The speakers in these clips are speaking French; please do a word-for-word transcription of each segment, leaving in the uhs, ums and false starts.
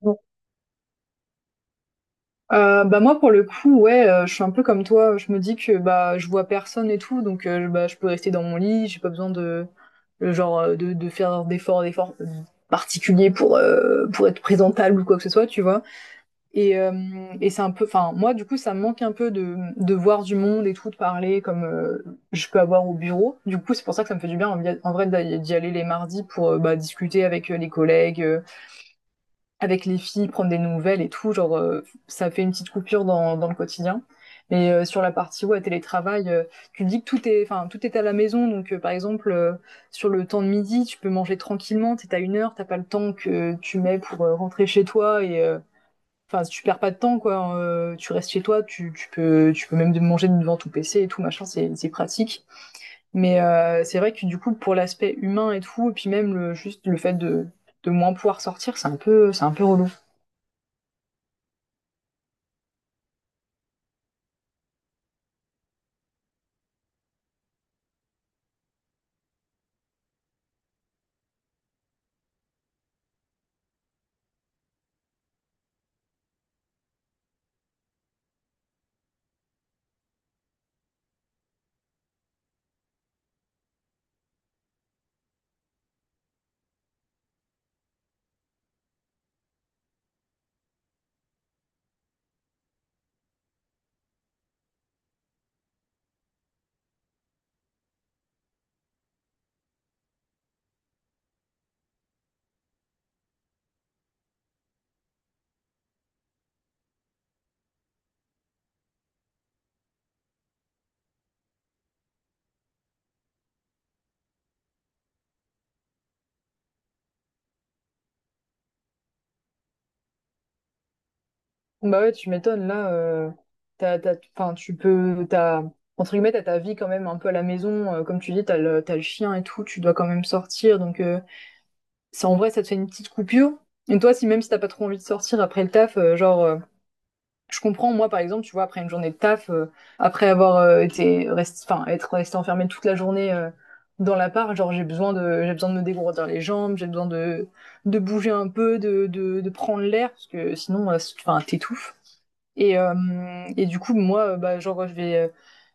Bon, euh, bah moi pour le coup ouais, euh, je suis un peu comme toi. Je me dis que bah je vois personne et tout, donc euh, bah je peux rester dans mon lit, j'ai pas besoin de le genre, euh, de, de faire d'efforts d'efforts euh, particuliers pour euh, pour être présentable ou quoi que ce soit, tu vois. Et euh, et c'est un peu, enfin moi du coup ça me manque un peu de de voir du monde et tout, de parler comme euh, je peux avoir au bureau. Du coup, c'est pour ça que ça me fait du bien en, en vrai d'y d'y aller les mardis pour euh, bah discuter avec euh, les collègues, euh, avec les filles, prendre des nouvelles et tout, genre euh, ça fait une petite coupure dans, dans le quotidien. Mais euh, sur la partie, ouais, télétravail, euh, tu te dis que tout est, enfin tout est à la maison. Donc euh, par exemple, euh, sur le temps de midi, tu peux manger tranquillement, t'es à une heure, t'as pas le temps que tu mets pour euh, rentrer chez toi, et euh, enfin si, tu perds pas de temps quoi, hein, euh, tu restes chez toi, tu, tu peux tu peux même manger devant ton P C et tout machin, c'est c'est pratique. Mais euh, c'est vrai que du coup pour l'aspect humain et tout, et puis même le, juste le fait de de moins pouvoir sortir, c'est un peu c'est un peu relou. Bah ouais, tu m'étonnes, là, euh, t'as, t'as, enfin, tu peux, t'as, entre guillemets, t'as ta vie quand même un peu à la maison, euh, comme tu dis, t'as le, t'as le chien et tout, tu dois quand même sortir. Donc euh, ça, en vrai, ça te fait une petite coupure. Et toi, si même si t'as pas trop envie de sortir après le taf, euh, genre, euh, je comprends, moi, par exemple, tu vois, après une journée de taf, euh, après avoir euh, été, rest... enfin, être resté enfermé toute la journée euh, dans l'appart, genre, j'ai besoin de, j'ai besoin de me dégourdir les jambes, j'ai besoin de, de bouger un peu, de, de, de prendre l'air, parce que sinon, euh, enfin, t'étouffes. Et, euh, et du coup, moi, euh, bah, genre, je vais, euh,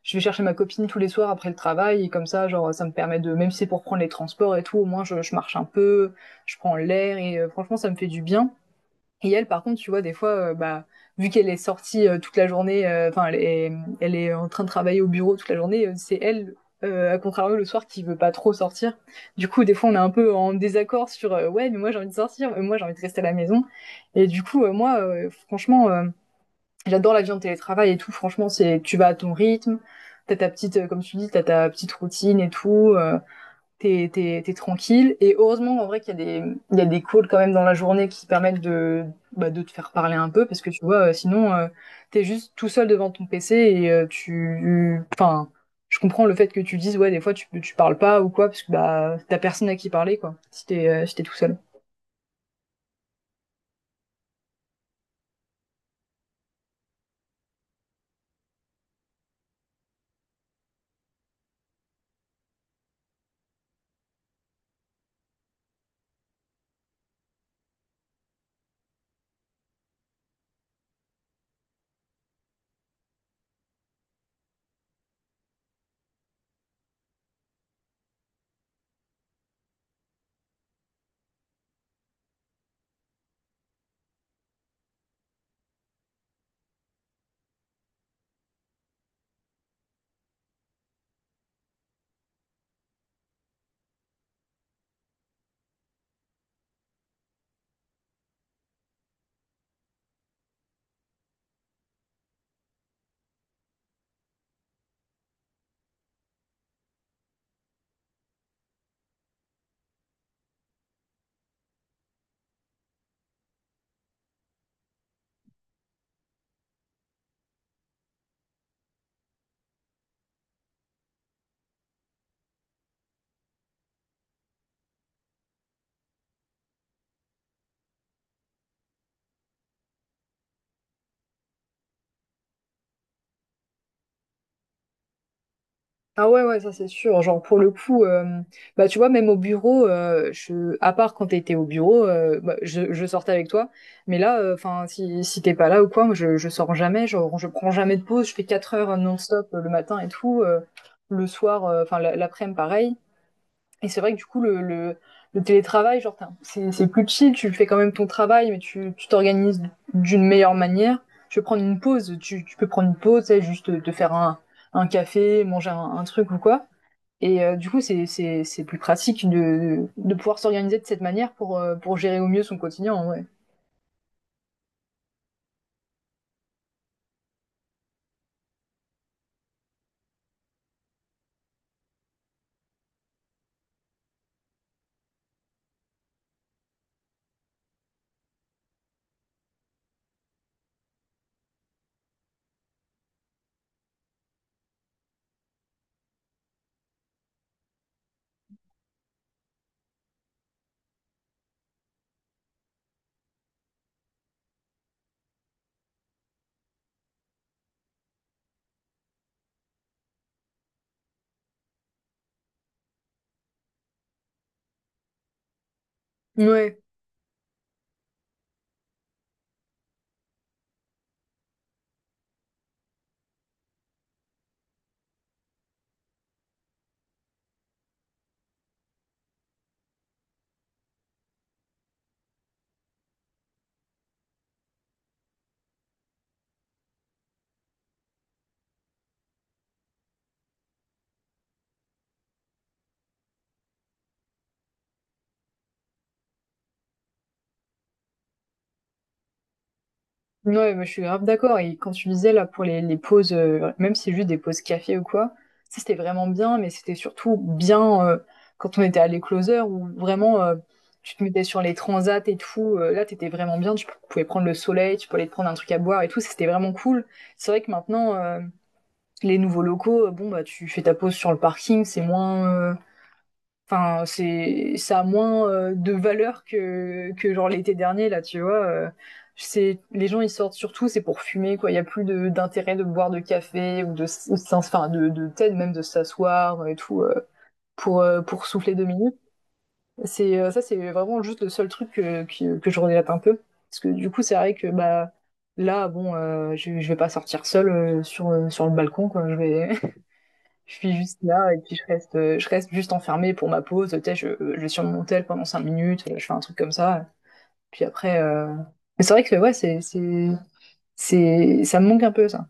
je vais chercher ma copine tous les soirs après le travail, et comme ça, genre, ça me permet de, même si c'est pour prendre les transports et tout, au moins, je, je marche un peu, je prends l'air, et euh, franchement, ça me fait du bien. Et elle, par contre, tu vois, des fois, euh, bah, vu qu'elle est sortie euh, toute la journée, euh, enfin, elle est, elle est en train de travailler au bureau toute la journée, euh, c'est elle, euh, à contrario, le soir, qui veut pas trop sortir. Du coup, des fois, on est un peu en désaccord sur, euh, ouais, mais moi, j'ai envie de sortir, mais moi, j'ai envie de rester à la maison. Et du coup, euh, moi, euh, franchement, euh, j'adore la vie en télétravail et tout. Franchement, c'est, tu vas à ton rythme, t'as ta petite, euh, comme tu dis, t'as ta petite routine et tout. euh, t'es t'es t'es tranquille. Et heureusement, en vrai, qu'il y a des, il y a des calls quand même dans la journée qui permettent de bah, de te faire parler un peu, parce que tu vois, euh, sinon euh, t'es juste tout seul devant ton P C, et euh, tu, enfin, je comprends le fait que tu dises ouais, des fois tu tu parles pas ou quoi, parce que bah t'as personne à qui parler, quoi. Si t'es, euh, si t'es tout seul. Ah ouais, ouais, ça c'est sûr. Genre pour le coup, euh, bah tu vois, même au bureau, euh, je, à part quand t'étais au bureau, euh, bah, je, je sortais avec toi. Mais là, euh, enfin, si, si t'es pas là ou quoi, moi je, je sors jamais, genre je prends jamais de pause, je fais quatre heures non-stop euh, le matin et tout, euh, le soir, euh, enfin la- l'après-midi pareil. Et c'est vrai que du coup, le, le, le télétravail, genre t'as, c'est, c'est plus chill, tu fais quand même ton travail, mais tu, tu t'organises d'une meilleure manière. Tu peux prendre une pause, tu, tu peux prendre une pause, tu sais, juste te te faire un un café, manger un, un truc ou quoi. Et euh, du coup, c'est- c'est c'est plus pratique de, de pouvoir s'organiser de cette manière pour, euh, pour gérer au mieux son quotidien, en vrai. Ouais, ouais, bah, je suis grave d'accord. Et quand tu disais, là, pour les, les pauses, euh, même si c'est juste des pauses café ou quoi, ça, c'était vraiment bien, mais c'était surtout bien euh, quand on était à l'écloseur, où vraiment, euh, tu te mettais sur les transats et tout. Euh, là, t'étais vraiment bien. Tu pouvais prendre le soleil, tu pouvais aller te prendre un truc à boire et tout. C'était vraiment cool. C'est vrai que maintenant, euh, les nouveaux locaux, euh, bon, bah, tu fais ta pause sur le parking, c'est moins, euh, enfin, c'est, ça a moins euh, de valeur que, que genre l'été dernier, là, tu vois. Euh, c'est, les gens, ils sortent surtout, c'est pour fumer, quoi. Il n'y a plus de, d'intérêt de boire de café ou de, s- ou de s'ins- enfin, de, de peut-être même de s'asseoir et tout, euh, pour, euh, pour souffler deux minutes. C'est, euh, ça, c'est vraiment juste le seul truc que, que, que je regrette un peu. Parce que du coup, c'est vrai que, bah, là, bon, euh, je, je vais pas sortir seule euh, sur, euh, sur le balcon, quoi. Je vais, je suis juste là et puis je reste, euh, je reste juste enfermée pour ma pause. Tu sais, je, je suis sur mon tel pendant cinq minutes, je fais un truc comme ça. Puis après, euh, mais c'est vrai que ouais, c'est, c'est, c'est, ça me manque un peu ça.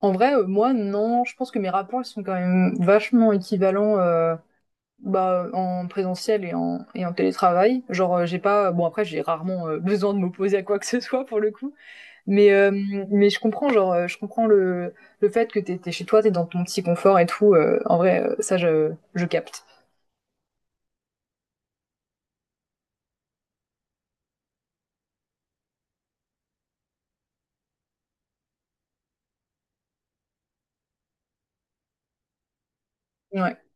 En vrai, euh, moi non, je pense que mes rapports ils sont quand même vachement équivalents euh, bah, en présentiel et en, et en télétravail. Genre, euh, j'ai pas, bon après j'ai rarement euh, besoin de m'opposer à quoi que ce soit pour le coup. Mais, euh, mais je comprends, genre, euh, je comprends le, le fait que t'es, t'es chez toi, t'es dans ton petit confort et tout. Euh, en vrai, euh, ça, je, je capte. Ouais.